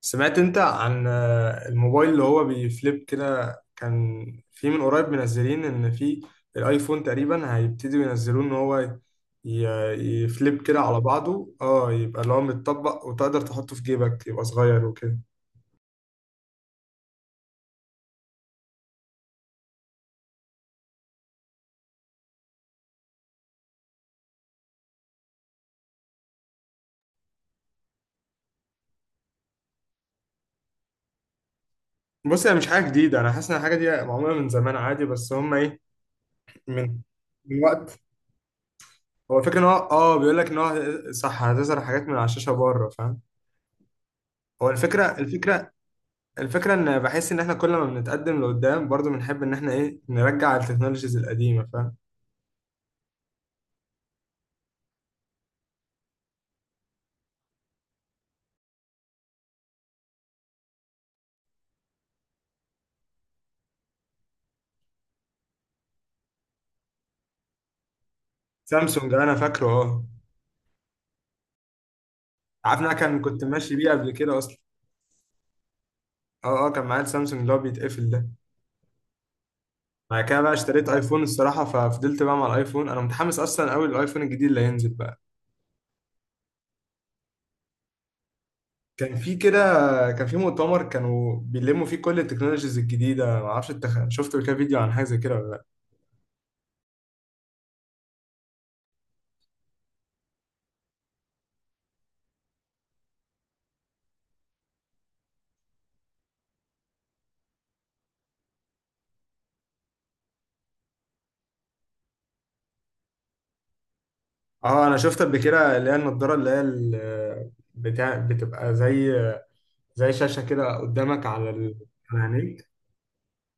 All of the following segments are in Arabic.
سمعت انت عن الموبايل اللي هو بيفليب كده. كان في من قريب منزلين ان في الايفون تقريبا هيبتدوا ينزلوه، ان هو ي- يفليب كده على بعضه، يبقى اللي هو متطبق وتقدر تحطه في جيبك، يبقى صغير وكده. بص، هي مش حاجه جديده، انا حاسس ان الحاجه دي معموله من زمان عادي، بس هم ايه، من من وقت. هو الفكره ان هو بيقول لك ان هو صح، هتظهر حاجات من على الشاشه بره، فاهم؟ هو الفكره الفكره الفكرة ان بحس ان احنا كل ما بنتقدم لقدام برضو بنحب ان احنا ايه، نرجع التكنولوجيز القديمة، فاهم؟ سامسونج، انا فاكره، اه. عارف إن انا كنت ماشي بيه قبل كده اصلا. اه اه، كان معايا السامسونج اللي هو بيتقفل ده. بعد كده بقى اشتريت ايفون الصراحة، ففضلت بقى مع الايفون. انا متحمس اصلا قوي للايفون الجديد اللي هينزل بقى. كان في كده كان في مؤتمر كانوا بيلموا فيه كل التكنولوجيز الجديدة. معرفش انت شفت قبل كده فيديو عن حاجة زي كده ولا لا. اه، انا شفت قبل كده اللي هي النضارة، اللي هي بتاع، بتبقى زي شاشة كده قدامك على على عينيك.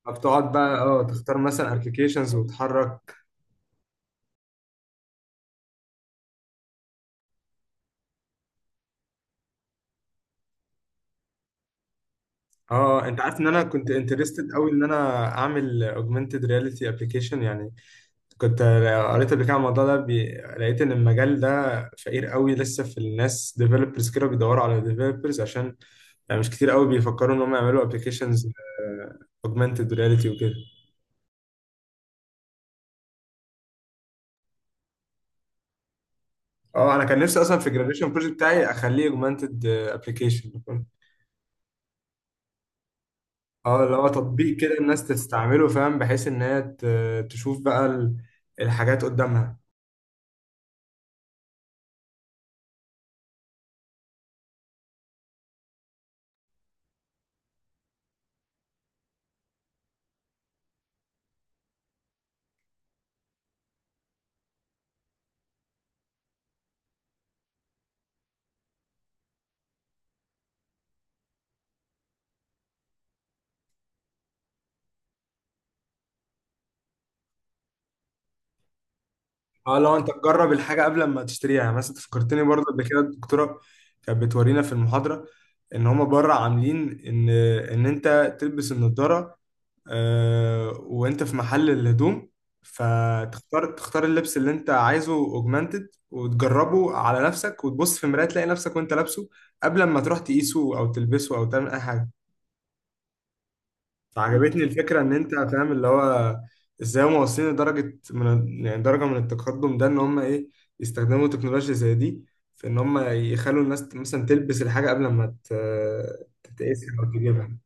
فبتقعد بقى تختار مثلا ابلكيشنز وتحرك. اه، انت عارف ان انا كنت انترستد قوي ان انا اعمل اوجمانتد رياليتي ابلكيشن يعني. كنت قريت قبل كده عن الموضوع ده لقيت ان المجال ده فقير قوي، لسه في الناس ديفلوبرز كده بيدوروا على ديفلوبرز عشان يعني مش كتير قوي بيفكروا ان هم يعملوا ابلكيشنز اوجمانتد رياليتي وكده. اه، انا كان نفسي اصلا في الجراديشن بروجكت بتاعي اخليه اوجمانتد ابلكيشن. اه، اللي هو تطبيق كده الناس تستعمله، فاهم؟ بحيث ان هي تشوف بقى الحاجات قدامها. اه، لو انت تجرب الحاجه قبل ما تشتريها، يعني مثلا فكرتني برضه قبل كده الدكتوره كانت بتورينا في المحاضره ان هما بره عاملين ان ان انت تلبس النضاره وانت في محل الهدوم، فتختار اللبس اللي انت عايزه اوجمانتد وتجربه على نفسك وتبص في المرايه تلاقي نفسك وانت لابسه، قبل ما تروح تقيسه او تلبسه او تعمل اي حاجه. عجبتني الفكرة إن أنت فاهم اللي هو إزاي هم واصلين لدرجة من، يعني درجة من التقدم ده، إن هم إيه، يستخدموا تكنولوجيا زي دي في إن هم يخلوا الناس مثلا تلبس الحاجة قبل ما تتقيسها أو تجيبها.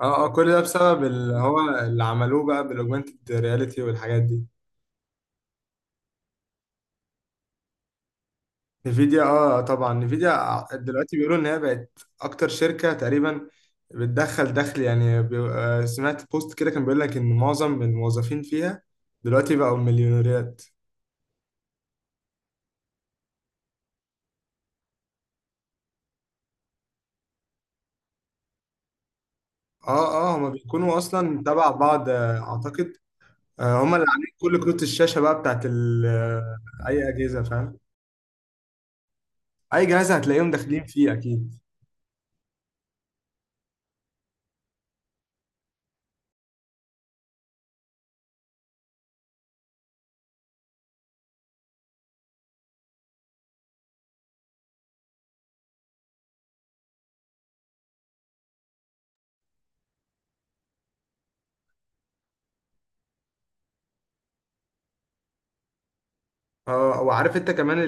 أه أه، كل ده بسبب اللي هو اللي عملوه بقى بالأوجمانتد رياليتي والحاجات دي. نفيديا، اه، طبعا. نفيديا آه، دلوقتي بيقولوا ان هي بقت اكتر شركه تقريبا بتدخل دخل، يعني سمعت بوست كده كان بيقول لك ان معظم الموظفين فيها دلوقتي بقوا مليونيرات. اه اه، هما بيكونوا اصلا تبع بعض، اعتقد. هما اللي عاملين كل كروت الشاشه بقى بتاعت اي اجهزه، فاهم؟ اي جهاز هتلاقيهم داخلين فيه اكيد. اه، وعارف انت كمان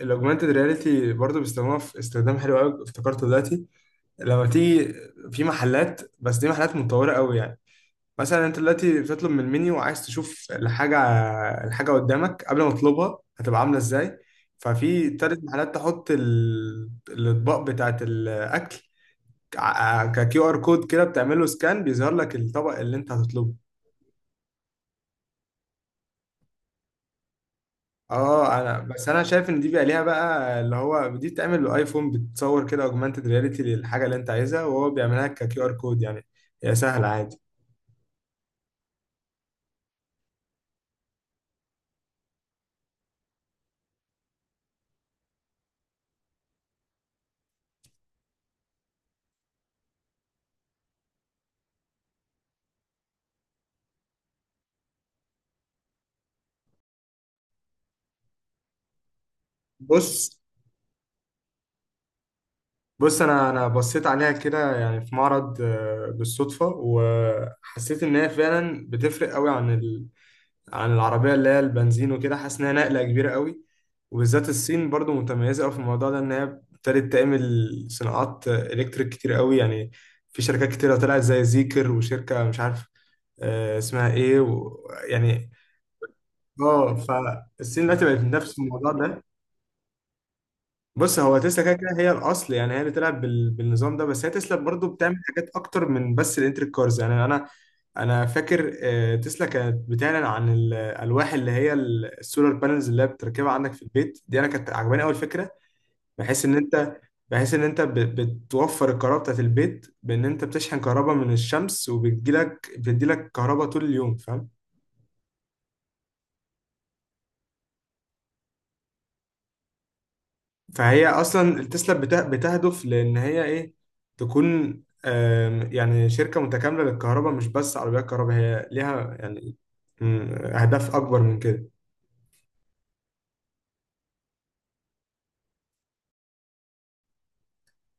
الاوجمانتد رياليتي برضو بيستخدموها في استخدام حلو قوي افتكرته دلوقتي، لما تيجي في محلات، بس دي محلات متطورة قوي يعني. مثلا انت دلوقتي بتطلب من المنيو وعايز تشوف الحاجة قدامك قبل ما تطلبها هتبقى عاملة ازاي. ففي تالت محلات تحط الأطباق بتاعت الأكل ككيو ار كود كده، بتعمله سكان، بيظهر لك الطبق اللي انت هتطلبه. اه، انا شايف ان دي بقى ليها بقى اللي هو دي بتعمل بالايفون، بتصور كده اوجمانتد رياليتي للحاجه اللي انت عايزها وهو بيعملها ككيو ار كود يعني. هي سهله عادي. بص، انا بصيت عليها كده، يعني في معرض بالصدفه، وحسيت ان هي فعلا بتفرق قوي عن العربيه اللي هي البنزين وكده. حاسس انها نقله كبيره قوي، وبالذات الصين برضو متميزه قوي في الموضوع ده ان هي ابتدت تعمل صناعات الكتريك كتير قوي يعني. في شركات كتيره طلعت زي زيكر، وشركه مش عارف اسمها ايه يعني. اه، فالصين دلوقتي بقت بتنافس في الموضوع ده. بص، هو تسلا كده كده هي الاصل، يعني هي اللي بتلعب بالنظام ده، بس هي تسلا برضو بتعمل حاجات اكتر من بس الانتريك كارز يعني. انا فاكر تسلا كانت بتعلن عن الالواح اللي هي السولار بانلز اللي هي بتركبها عندك في البيت دي، انا كانت عجباني اول فكره، بحيث ان انت بحيث ان انت بتوفر الكهرباء بتاعت البيت، بان انت بتشحن كهرباء من الشمس وبتجيلك بتديلك كهرباء طول اليوم، فاهم؟ فهي اصلا التسلا بتهدف لان هي ايه، تكون يعني شركه متكامله للكهرباء، مش بس عربيات كهرباء. هي ليها يعني اهداف اكبر من كده.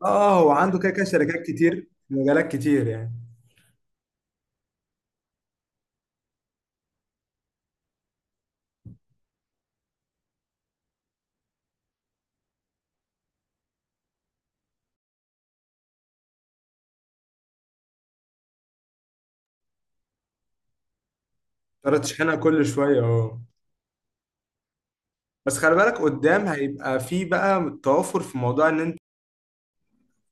اه، هو عنده كده كده شركات كتير في مجالات كتير يعني. تقدر تشحنها كل شويه، اه. بس خلي بالك قدام هيبقى في بقى توافر في موضوع ان انت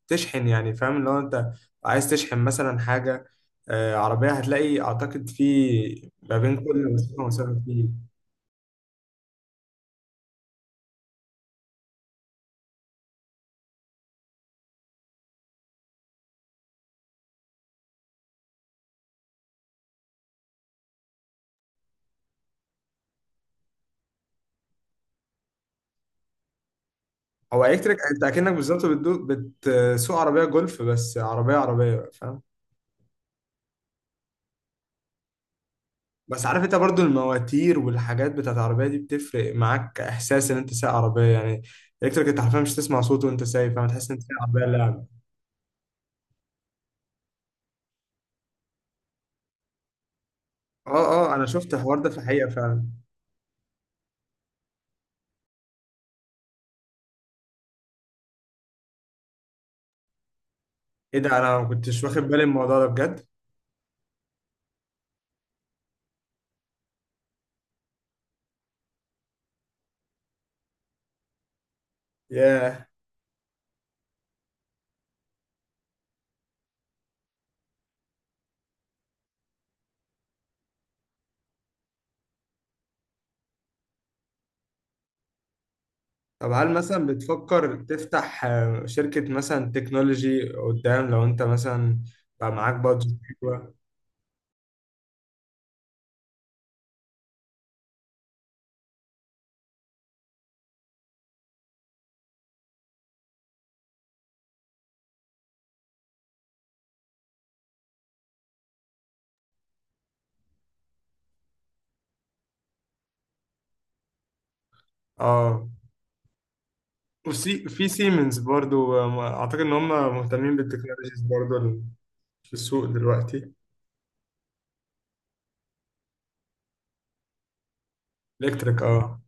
تشحن، يعني فاهم، لو انت عايز تشحن مثلا حاجه عربيه، هتلاقي اعتقد في ما بين كل مسافه ومسافه فيه. هو الكتريك، انت اكنك بالظبط بتسوق عربيه جولف، بس عربيه عربيه بقى، فاهم؟ بس عارف انت برضو المواتير والحاجات بتاعت العربيه دي بتفرق معاك، احساس ان انت سايق عربيه يعني. الكتريك انت حرفيا مش تسمع صوته وانت سايق، فاهم؟ تحس ان انت سايق عربيه لعب. اه اه، انا شفت الحوار ده في الحقيقه فعلا. ايه ده؟ انا ما كنتش واخد بالي من الموضوع ده بجد. ياه. طب هل مثلا بتفكر تفتح شركه مثلا تكنولوجي قدام، لو انت مثلا بقى معاك بادجت حلوه؟ اه، وفي سيمنز برضو اعتقد ان هم مهتمين بالتكنولوجيز برضو في السوق دلوقتي. الكتريك، اه.